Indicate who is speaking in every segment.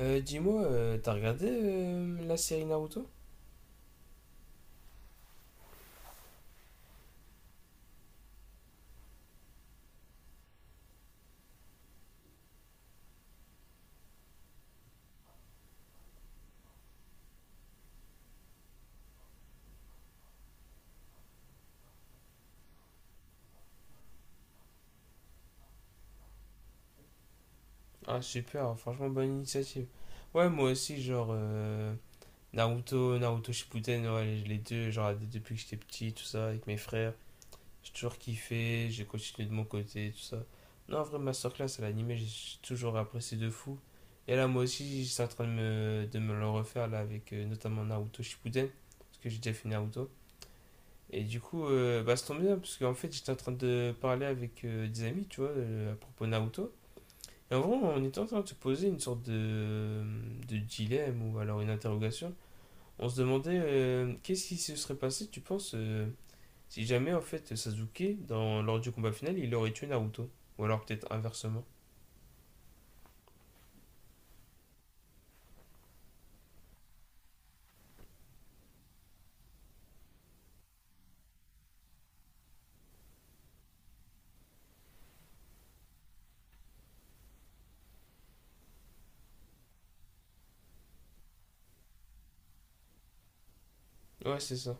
Speaker 1: Dis-moi, t'as regardé la série Naruto? Ah super, franchement bonne initiative. Ouais moi aussi genre Naruto, Naruto Shippuden, ouais, les deux, genre depuis que j'étais petit, tout ça, avec mes frères, j'ai toujours kiffé, j'ai continué de mon côté, tout ça. Non en vrai Masterclass à l'animé, j'ai toujours apprécié de fou. Et là moi aussi j'étais en train de de me le refaire là avec notamment Naruto Shippuden, parce que j'ai déjà fait Naruto. Et du coup, bah, ça tombe bien, parce qu'en fait, j'étais en train de parler avec des amis, tu vois, à propos Naruto. Et en vrai, on était en train de se poser une sorte de dilemme ou alors une interrogation. On se demandait qu'est-ce qui se serait passé, tu penses, si jamais en fait Sasuke, dans, lors du combat final, il aurait tué Naruto. Ou alors peut-être inversement. Ouais, c'est ça.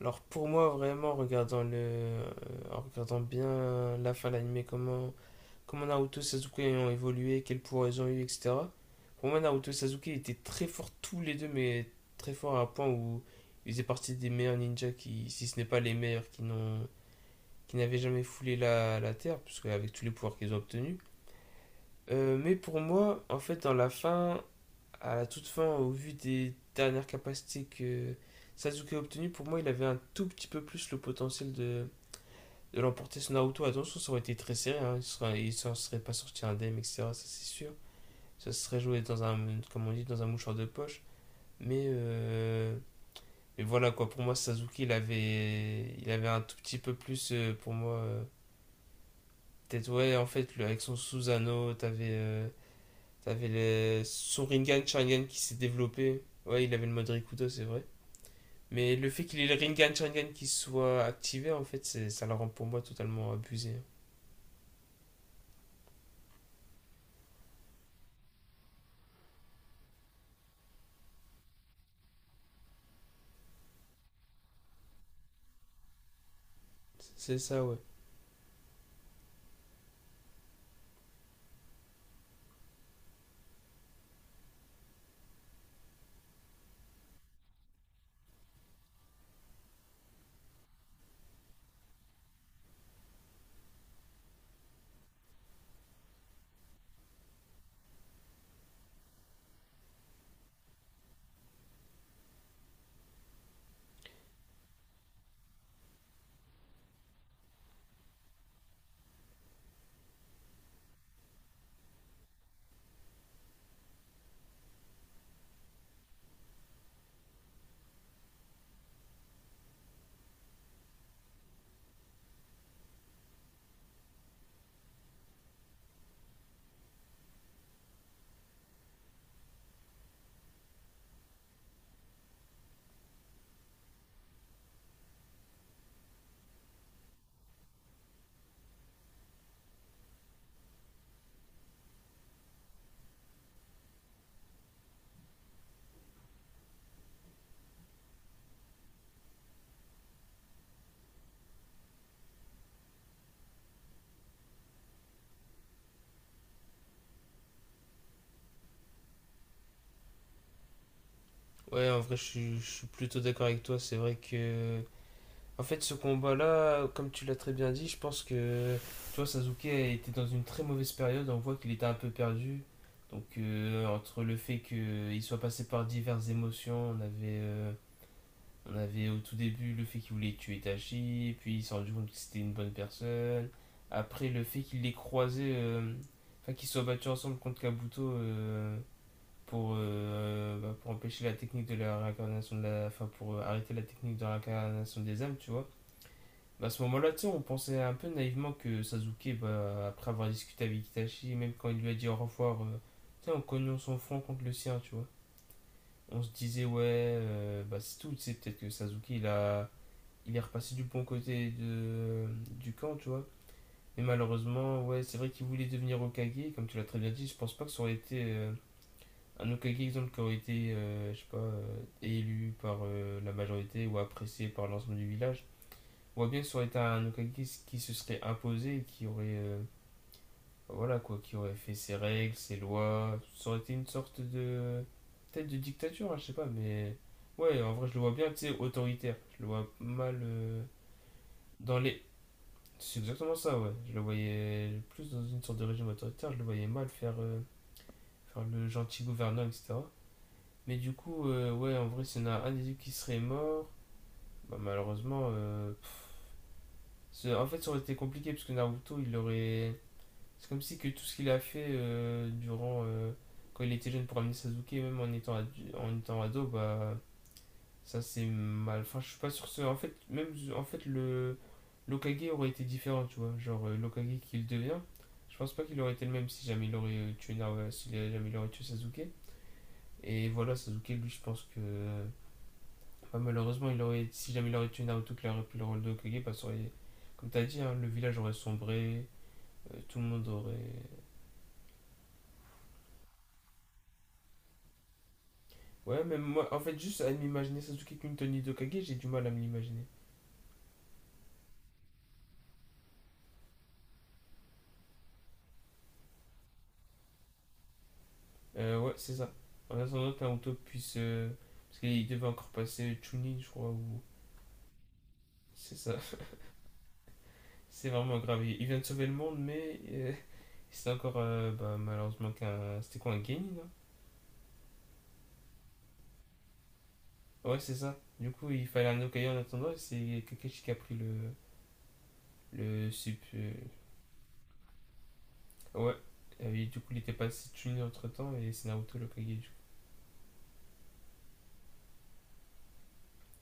Speaker 1: Alors pour moi, vraiment, en regardant, en regardant bien la fin de l'anime, comment Naruto et Sasuke ont évolué, quels pouvoirs ils ont eu, etc. Pour moi, Naruto et Sasuke étaient très forts tous les deux, mais très forts à un point où ils faisaient partie des meilleurs ninjas qui, si ce n'est pas les meilleurs, qui n'avaient jamais foulé la terre, puisque avec tous les pouvoirs qu'ils ont obtenus. Mais pour moi, en fait, dans la fin, à la toute fin, au vu des dernières capacités que Sasuke a obtenues, pour moi, il avait un tout petit peu plus le potentiel de l'emporter sur Naruto. Attention, ça aurait été très serré. Hein. Il s'en serait pas sorti indemne, etc. Ça, c'est sûr. Ça serait joué dans un, comme on dit, dans un mouchoir de poche. Mais, euh, mais voilà, quoi. Pour moi, Sasuke, il avait un tout petit peu plus, pour moi. Peut-être, ouais, en fait, le, avec son Susano, t'avais avais son Ringan Sharingan qui s'est développé. Ouais, il avait le mode Rikudo, c'est vrai. Mais le fait qu'il ait le Ringan Sharingan qui soit activé, en fait, ça le rend pour moi totalement abusé, hein. C'est ça, ouais. Ouais, en vrai, je suis plutôt d'accord avec toi. C'est vrai que, en fait, ce combat-là, comme tu l'as très bien dit, je pense que, tu vois, Sasuke était dans une très mauvaise période. On voit qu'il était un peu perdu. Donc, entre le fait qu'il soit passé par diverses émotions, on avait au tout début le fait qu'il voulait tuer Tachi, puis il s'est rendu compte que c'était une bonne personne. Après, le fait qu'il les croisé, enfin, qu'ils soient battus ensemble contre Kabuto, bah, pour empêcher la technique de la réincarnation de la... Enfin, pour arrêter la technique de la réincarnation des âmes, tu vois. Bah, à ce moment-là, tu sais, on pensait un peu naïvement que Sasuke, bah, après avoir discuté avec Itachi, même quand il lui a dit au revoir, tu sais, en cognant son front contre le sien, tu vois. On se disait, ouais, bah, c'est tout, tu sais, peut-être que Sasuke, il a... Il est repassé du bon côté de, du camp, tu vois. Mais malheureusement, ouais, c'est vrai qu'il voulait devenir Okage, comme tu l'as très bien dit, je pense pas que ça aurait été un autre cas exemple qui aurait été, je sais pas, élu par la majorité ou apprécié par l'ensemble du village, on voit bien que ça aurait été un Okagi qui se serait imposé, qui aurait, voilà quoi, qui aurait fait ses règles, ses lois. Ça aurait été une sorte de, peut-être de dictature, hein, je sais pas, mais ouais, en vrai, je le vois bien, tu sais, autoritaire. Je le vois mal dans les. C'est exactement ça, ouais. Je le voyais plus dans une sorte de régime autoritaire, je le voyais mal faire, faire le gentil gouverneur, etc. Mais du coup, ouais, en vrai, s'il y en a un des deux qui serait mort, bah, malheureusement, c'est- en fait, ça aurait été compliqué parce que Naruto, il aurait. C'est comme si que tout ce qu'il a fait durant. Quand il était jeune pour amener Sasuke, même en étant, en étant ado, bah. Ça, c'est mal. Enfin, je suis pas sûr que. En fait, même. En fait, le. L'Okage aurait été différent, tu vois. Genre, l'Okage qu'il devient, je pense pas qu'il aurait été le même si jamais il aurait tué, Naruto si jamais il aurait tué Sasuke. Et voilà, Sasuke, lui, je pense que. Bah, malheureusement, si jamais il aurait tué Naruto, qu'il aurait pris le rôle de Hokage, bah, ça aurait- comme t'as dit, hein, le village aurait sombré, tout le monde aurait. Ouais, même moi, en fait, juste à m'imaginer Sasuke comme de Hokage, j'ai du mal à me l'imaginer. Ouais, c'est ça. En attendant que Naruto puisse, parce qu'il devait encore passer Chunin, je crois, ou. C'est ça. C'est vraiment grave. Il vient de sauver le monde, mais, c'est encore, bah, malheureusement, qu'un. C'était quoi, un Genin, hein. Ouais, c'est ça. Du coup, il fallait un Hokage en attendant, et c'est Kakashi qui a pris le. Ouais, et du coup, il était passé Chunin entre temps et c'est Naruto le Kage, du coup,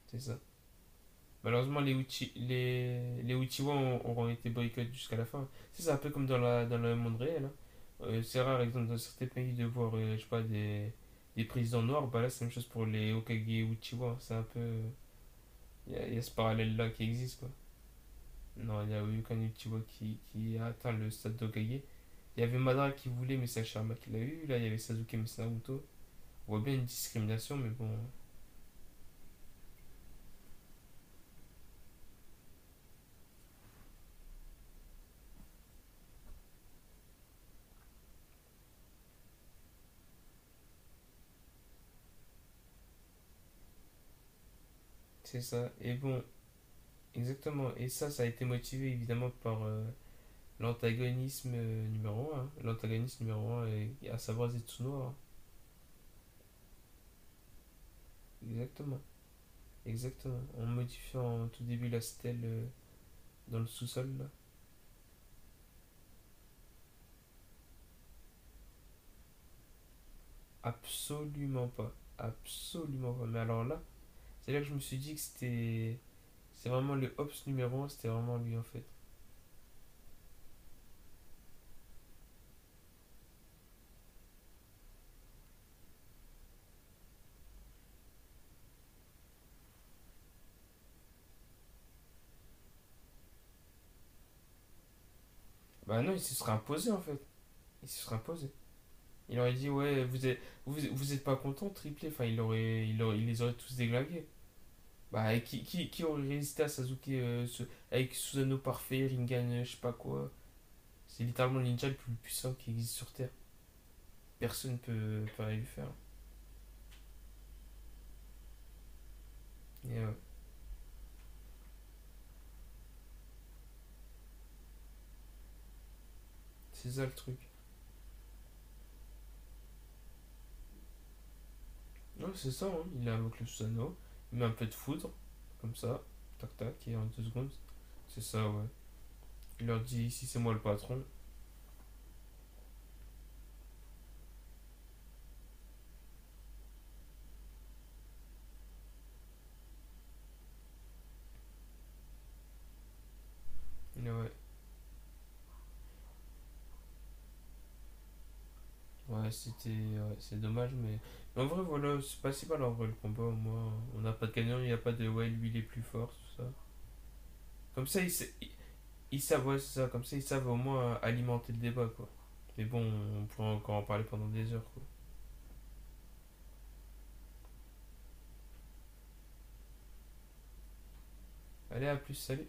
Speaker 1: c'est ça. Malheureusement, les Uchiwa auront été boycottés jusqu'à la fin. Tu C'est un peu comme dans, la, dans le monde réel, hein. C'est rare, par exemple, dans certains pays de voir, je sais pas, des présidents noirs. Bah là, c'est la même chose pour les Okage Uchiwa, hein. C'est un peu. Y a ce parallèle-là qui existe, quoi. Non, il y a eu aucun Uchiwa qui a atteint le stade d'Okage. Il y avait Madara qui voulait, mais c'est Ashirama qui l'a eu. Là, il y avait Sasuke, mais c'est Naruto. On voit bien une discrimination, mais bon, c'est ça. Et bon, exactement. Et ça a été motivé évidemment par l'antagonisme numéro un, hein. L'antagonisme numéro un est, à savoir Zetsuno, hein. Exactement. Exactement. En modifiant au tout début la stèle dans le sous-sol, là. Absolument pas. Absolument pas. Mais alors là, c'est là que je me suis dit que c'était. C'est vraiment le Hobbs numéro un, c'était vraiment lui en fait. Bah non, il se serait imposé en fait. Il se serait imposé. Il aurait dit, ouais, vous êtes, vous êtes pas content, triplé. Enfin, il les aurait tous déglingués. Bah, et qui aurait résisté à Sasuke ce- avec Susanoo parfait, Ringan, je sais pas quoi. C'est littéralement le ninja le plus puissant qui existe sur Terre. Personne peut lui faire. Et ouais, c'est ça le truc. Non, c'est ça, hein. Il invoque le Susanoo, il met un peu de foudre, comme ça, tac tac, et en deux secondes. C'est ça, ouais. Il leur dit ici c'est moi le patron. Et ouais, c'est dommage, mais. Mais en vrai, voilà, c'est pas si mal en vrai le combat. Moi, on n'a pas de gagnant, il n'y a pas de ouais, lui il est plus fort, tout ça. Comme ça, il Ils savent, ouais, c'est ça, comme ça, ils savent au moins alimenter le débat, quoi. Mais bon, on pourrait encore en parler pendant des heures, quoi. Allez, à plus, salut!